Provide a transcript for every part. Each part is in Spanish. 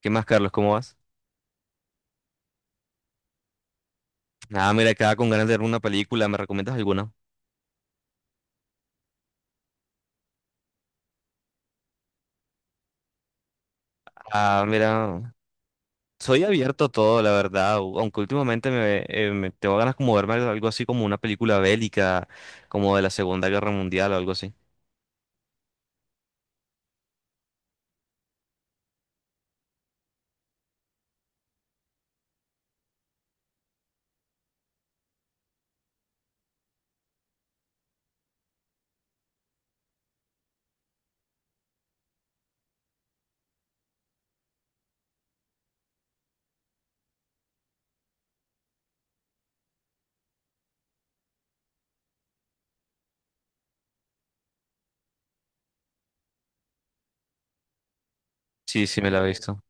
¿Qué más, Carlos? ¿Cómo vas? Ah, mira, acá con ganas de ver una película, ¿me recomiendas alguna? Ah, mira, soy abierto a todo, la verdad, aunque últimamente tengo ganas como verme algo así como una película bélica, como de la Segunda Guerra Mundial o algo así. Sí, sí, me la he visto.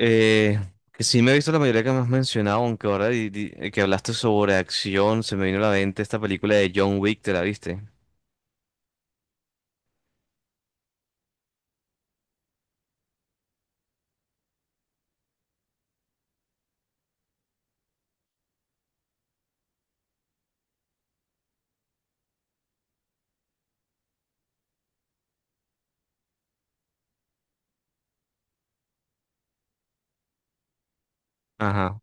Eh, que sí me he visto la mayoría que me has mencionado, aunque ahora que hablaste sobre acción, se me vino a la mente esta película de John Wick, ¿te la viste? Ajá.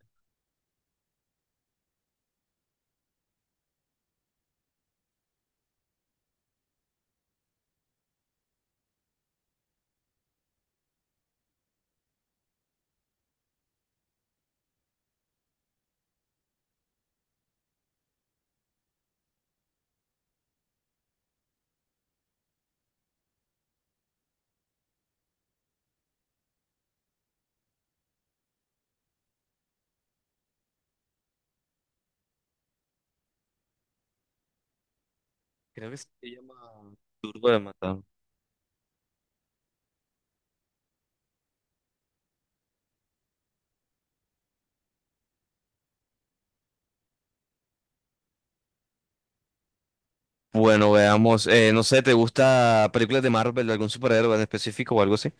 Creo que se llama Turbo de Matar. Bueno, veamos. No sé, ¿te gusta películas de Marvel, de algún superhéroe en específico o algo así?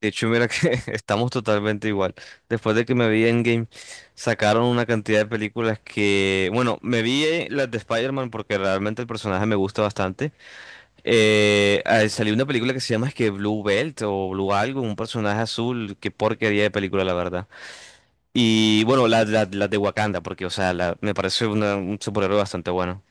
De hecho, mira que estamos totalmente igual. Después de que me vi Endgame, sacaron una cantidad de películas que, bueno, me vi las de Spider-Man porque realmente el personaje me gusta bastante. Salió una película que se llama es que Blue Belt o Blue algo, un personaje azul. Qué porquería de película, la verdad. Y bueno, las de Wakanda, porque, o sea, me parece un superhéroe bastante bueno.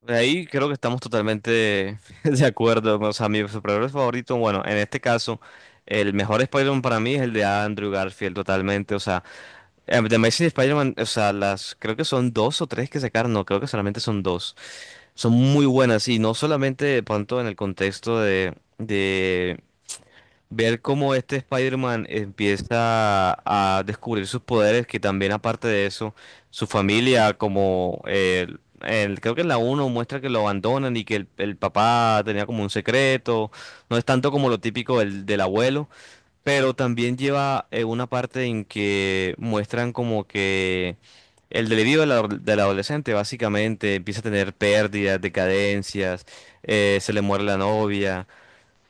De ahí creo que estamos totalmente de acuerdo. O sea, mi superhéroe favorito, bueno, en este caso, el mejor Spider-Man para mí es el de Andrew Garfield, totalmente. O sea, The Amazing Spider-Man, o sea, las creo que son dos o tres que sacaron, no, creo que solamente son dos, son muy buenas y no solamente de pronto en el contexto de ver cómo este Spider-Man empieza a descubrir sus poderes, que también aparte de eso, su familia, creo que en la uno muestra que lo abandonan y que el papá tenía como un secreto, no es tanto como lo típico del abuelo. Pero también lleva una parte en que muestran como que el delirio del adolescente básicamente empieza a tener pérdidas, decadencias, se le muere la novia,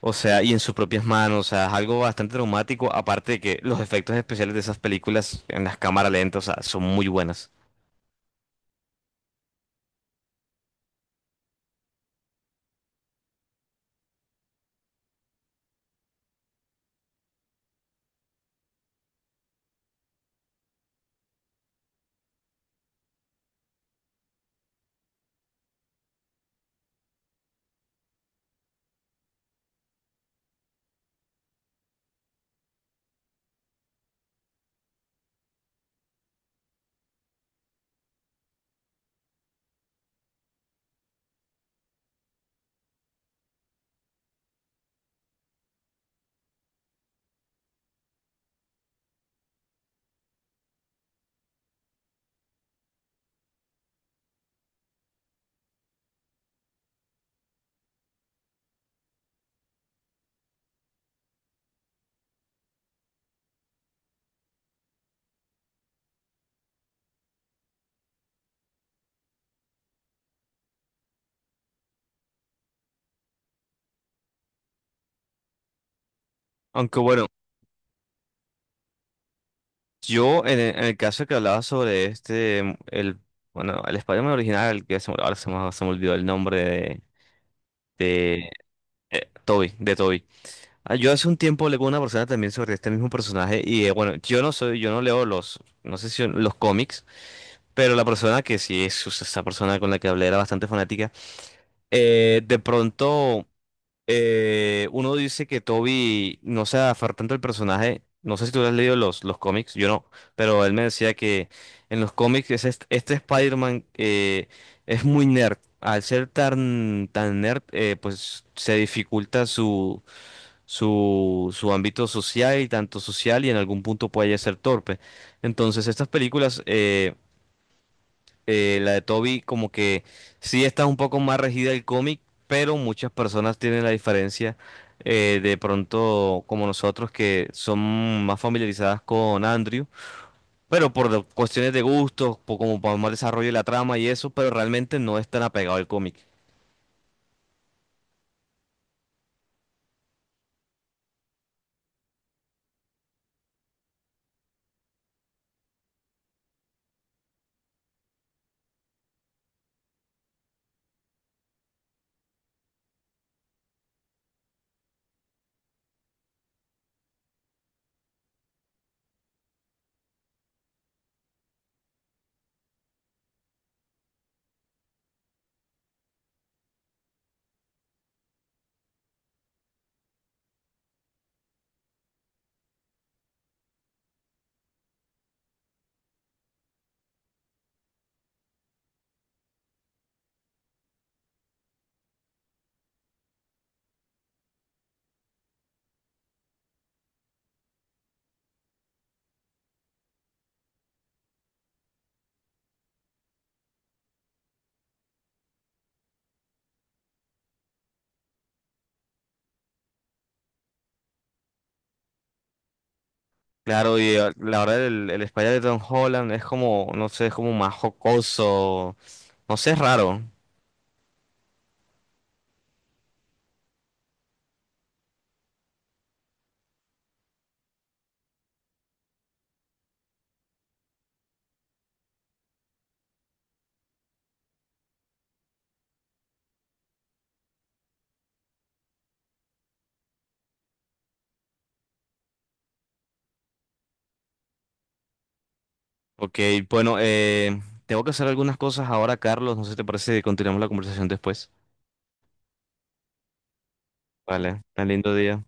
o sea, y en sus propias manos, o sea, es algo bastante traumático, aparte de que los efectos especiales de esas películas en las cámaras lentas, o sea, son muy buenas. Aunque bueno, yo en el caso que hablaba sobre bueno, el Spider-Man original, que ahora se me olvidó el nombre de Toby, de Toby. Ah, yo hace un tiempo leí con una persona también sobre este mismo personaje y, bueno, yo no soy, yo no leo los, no sé si los cómics, pero la persona que sí es, o sea, esa persona con la que hablé era bastante fanática, de pronto uno dice que Toby no se aferra tanto al personaje, no sé si tú has leído los cómics, yo no, pero él me decía que en los cómics es este Spider-Man, es muy nerd, al ser tan, tan nerd, pues se dificulta su ámbito social, y tanto social y en algún punto puede ser torpe. Entonces, estas películas, la de Toby, como que sí está un poco más regida el cómic, pero muchas personas tienen la diferencia, de pronto como nosotros que son más familiarizadas con Andrew, pero cuestiones de gusto por, como por más desarrollo de la trama y eso, pero realmente no es tan apegado al cómic. Claro, y la verdad el Spider de Tom Holland es como, no sé, es como más jocoso. No sé, es raro. Ok, bueno, tengo que hacer algunas cosas ahora, Carlos. No sé si te parece que continuemos la conversación después. Vale, tan lindo día.